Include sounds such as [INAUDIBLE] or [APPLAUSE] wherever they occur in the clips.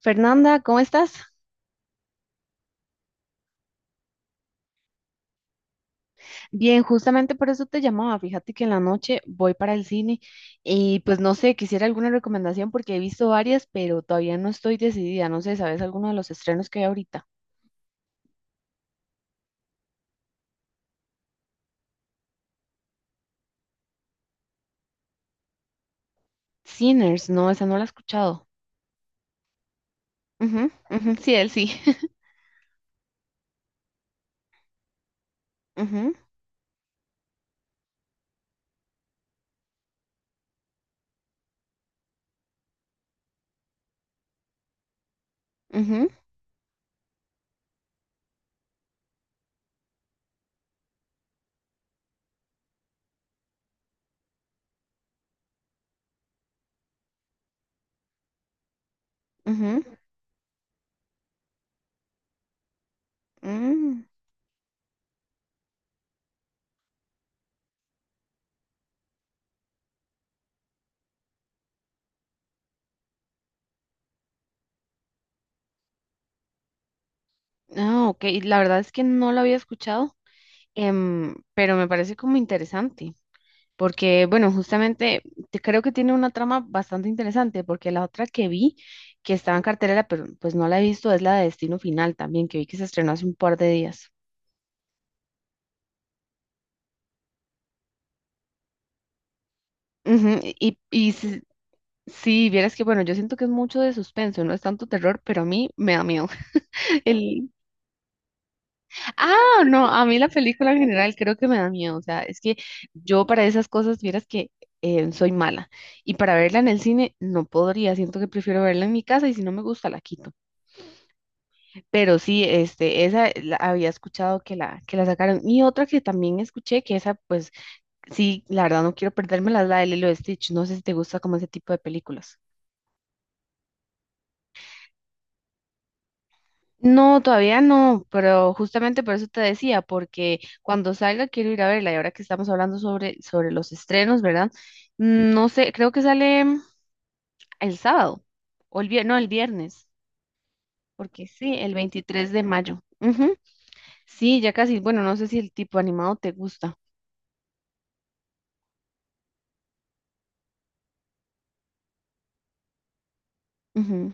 Fernanda, ¿cómo estás? Bien, justamente por eso te llamaba. Fíjate que en la noche voy para el cine y pues no sé, quisiera alguna recomendación porque he visto varias, pero todavía no estoy decidida. No sé, ¿sabes alguno de los estrenos que hay ahorita? Sinners, no, esa no la he escuchado. Ujú, ujú, sí, él sí. [LAUGHS] Ujú, ujú, ujú, mm. Ah, ok, la verdad es que no la había escuchado, pero me parece como interesante. Porque, bueno, justamente creo que tiene una trama bastante interesante, porque la otra que vi, que estaba en cartelera, pero pues no la he visto, es la de Destino Final también, que vi que se estrenó hace un par de días. Ujú. Y si, si vieras que, bueno, yo siento que es mucho de suspenso, no es tanto terror, pero a mí me da miedo. [LAUGHS] El... Ah, no, a mí la película en general creo que me da miedo. O sea, es que yo para esas cosas, vieras que soy mala. Y para verla en el cine no podría, siento que prefiero verla en mi casa y si no me gusta la quito. Pero sí, este, había escuchado que la sacaron. Y otra que también escuché, que esa, pues, sí, la verdad no quiero perdérmela, es la de Lilo y Stitch. No sé si te gusta como ese tipo de películas. No, todavía no, pero justamente por eso te decía, porque cuando salga quiero ir a verla. Y ahora que estamos hablando sobre, sobre los estrenos, ¿verdad? No sé, creo que sale el sábado, o el viernes, no, el viernes, porque sí, el 23 de mayo. Ujú. Sí, ya casi, bueno, no sé si el tipo animado te gusta. Ujú.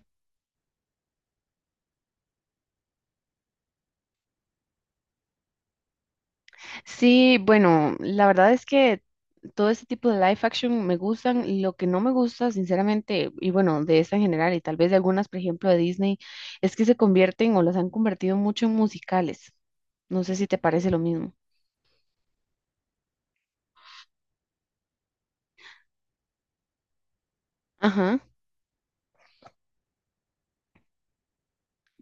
Sí, bueno, la verdad es que todo ese tipo de live action me gustan. Lo que no me gusta, sinceramente, y bueno, de esta en general, y tal vez de algunas, por ejemplo, de Disney, es que se convierten o las han convertido mucho en musicales. No sé si te parece lo mismo. Ajá.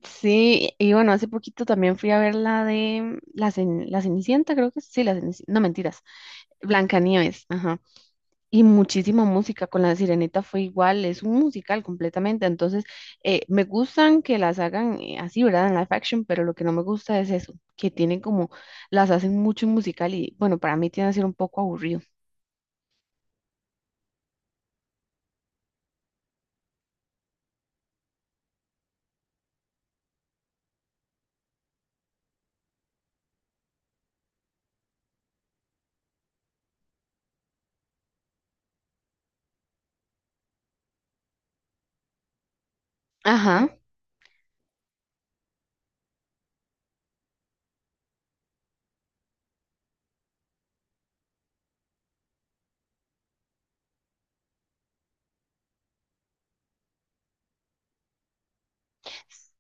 Sí, y bueno, hace poquito también fui a ver la de la Cenicienta, creo que es. Sí, la Cenicienta, no mentiras, Blancanieves, ajá. Y muchísima música, con La Sirenita fue igual, es un musical completamente, entonces me gustan que las hagan así, ¿verdad? En live action, pero lo que no me gusta es eso, que tienen como, las hacen mucho en musical y bueno, para mí tiene que ser un poco aburrido. Ajá.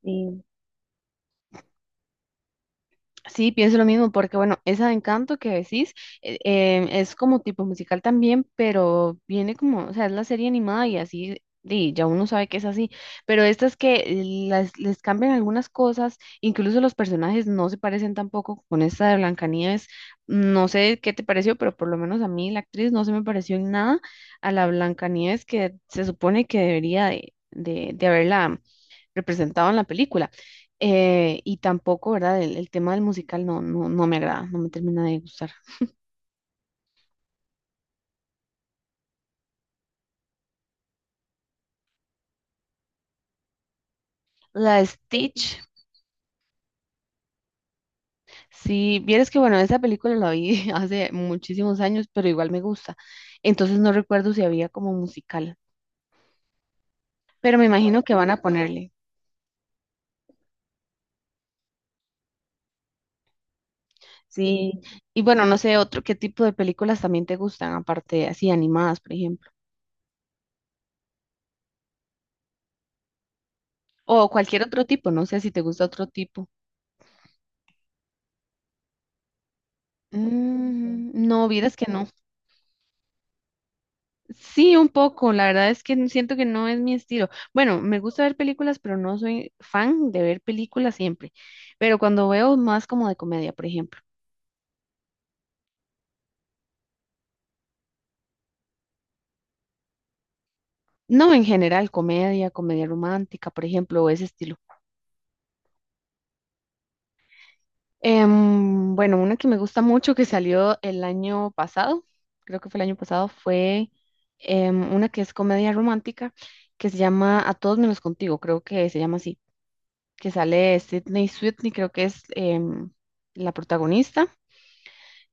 Sí. Sí, pienso lo mismo, porque bueno, esa de Encanto que decís es como tipo musical también, pero viene como, o sea, es la serie animada y así, y ya uno sabe que es así, pero estas que las, les cambian algunas cosas, incluso los personajes no se parecen tampoco con esta de Blancanieves, no sé qué te pareció, pero por lo menos a mí la actriz no se me pareció en nada a la Blancanieves que se supone que debería de haberla representado en la película. Y tampoco, ¿verdad? El tema del musical no, no, no me agrada, no me termina de gustar. La de Stitch, si vieres que, bueno, esa película la vi [LAUGHS] hace muchísimos años, pero igual me gusta. Entonces no recuerdo si había como musical, pero me imagino que van a ponerle. Sí, y bueno, no sé, otro, ¿qué tipo de películas también te gustan, aparte así animadas, por ejemplo? O cualquier otro tipo, no sé si te gusta otro tipo. Mm, no, vieras que no. Sí, un poco. La verdad es que siento que no es mi estilo. Bueno, me gusta ver películas, pero no soy fan de ver películas siempre. Pero cuando veo más como de comedia, por ejemplo. No en general, comedia, comedia romántica, por ejemplo, o ese estilo. Bueno, una que me gusta mucho que salió el año pasado, creo que fue el año pasado, fue una que es comedia romántica que se llama A todos menos contigo, creo que se llama así, que sale Sydney Sweeney, creo que es la protagonista.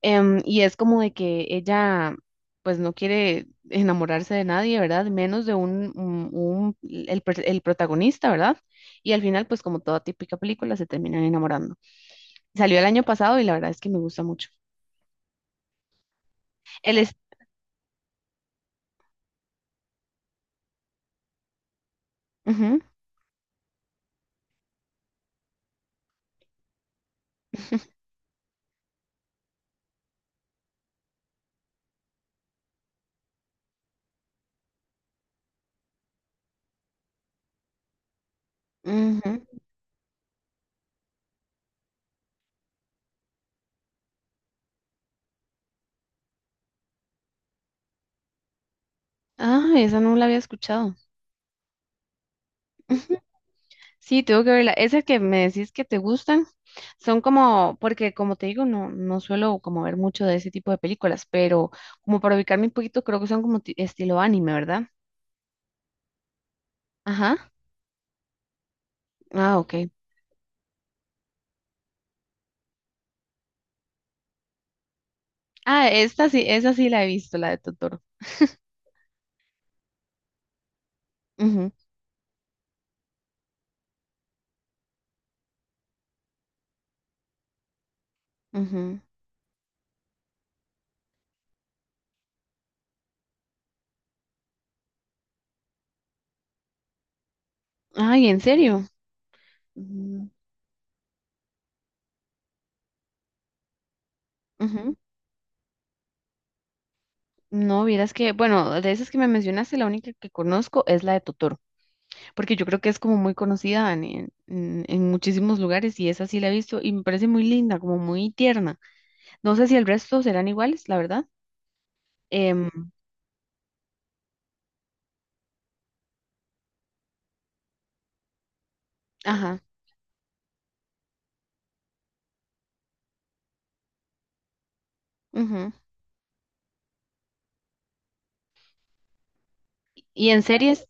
Y es como de que ella, pues no quiere enamorarse de nadie, ¿verdad? Menos de el protagonista, ¿verdad? Y al final, pues como toda típica película, se terminan enamorando. Salió el año pasado y la verdad es que me gusta mucho. Él es... Ujú, ujú. Ah, esa no la había escuchado. Ujú. Sí, tengo que verla. Esas que me decís que te gustan son como, porque como te digo, no, no suelo como ver mucho de ese tipo de películas, pero como para ubicarme un poquito, creo que son como estilo anime, ¿verdad? Ajá. Ah, ok. Ah, esta sí, esa sí la he visto, la de Totoro. Ujú, ujú. Ay, ¿en serio? Mm, ujú. No, vieras que, bueno, de esas que me mencionaste, la única que conozco es la de Totoro, porque yo creo que es como muy conocida en, en muchísimos lugares y esa sí la he visto y me parece muy linda, como muy tierna. No sé si el resto serán iguales, la verdad. Em, ajá. Ujú. Y en series,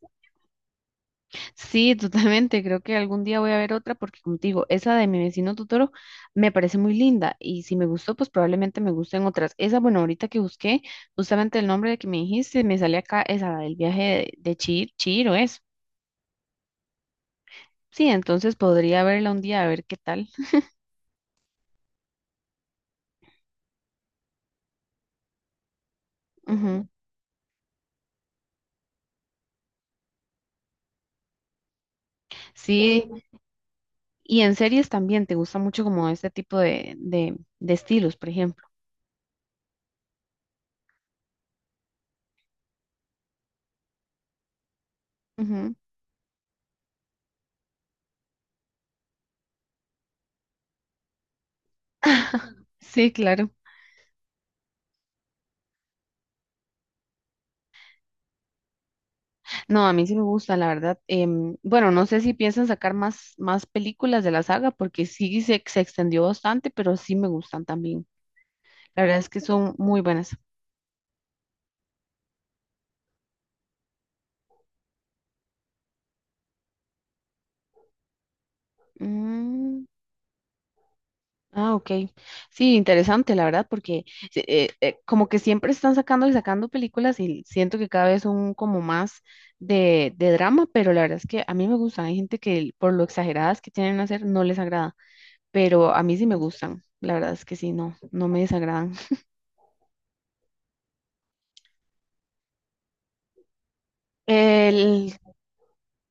sí, totalmente. Creo que algún día voy a ver otra porque, como te digo, esa de mi vecino Totoro me parece muy linda y si me gustó, pues probablemente me gusten otras. Esa, bueno, ahorita que busqué, justamente el nombre de que me dijiste, me sale acá, esa, del viaje de, Chir, Chihiro es. Sí, entonces podría verla un día a ver qué tal. Ujú. Sí, y en series también te gusta mucho como este tipo de estilos, por ejemplo. Ujú. Sí, claro. No, a mí sí me gusta, la verdad. Bueno, no sé si piensan sacar más, más películas de la saga, porque sí se extendió bastante, pero sí me gustan también. La verdad es que son muy buenas. Mm, ah, ok. Sí, interesante, la verdad, porque como que siempre están sacando y sacando películas y siento que cada vez son como más de drama, pero la verdad es que a mí me gustan. Hay gente que por lo exageradas que tienen a hacer no les agrada, pero a mí sí me gustan. La verdad es que sí, no, no me desagradan. El,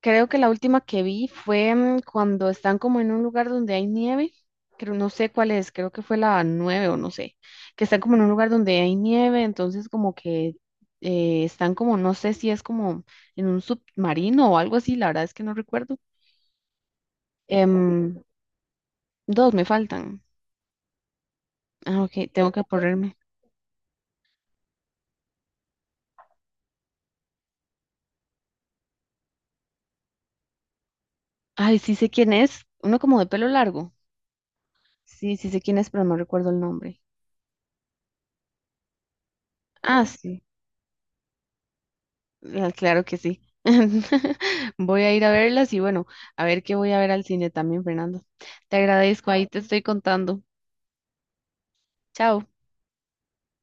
creo que la última que vi fue cuando están como en un lugar donde hay nieve, creo, no sé cuál es, creo que fue la nueve o no sé, que están como en un lugar donde hay nieve, entonces como que están como, no sé si es como en un submarino o algo así, la verdad es que no recuerdo. Em, dos me faltan. Ah, ok, tengo que acorrerme. Ay, sí sé quién es, uno como de pelo largo. Sí, sí sé quién es, pero no recuerdo el nombre. Ah, sí. Ah, claro que sí. [LAUGHS] Voy a ir a verlas y bueno, a ver qué voy a ver al cine también, Fernando. Te agradezco, ahí te estoy contando. Chao.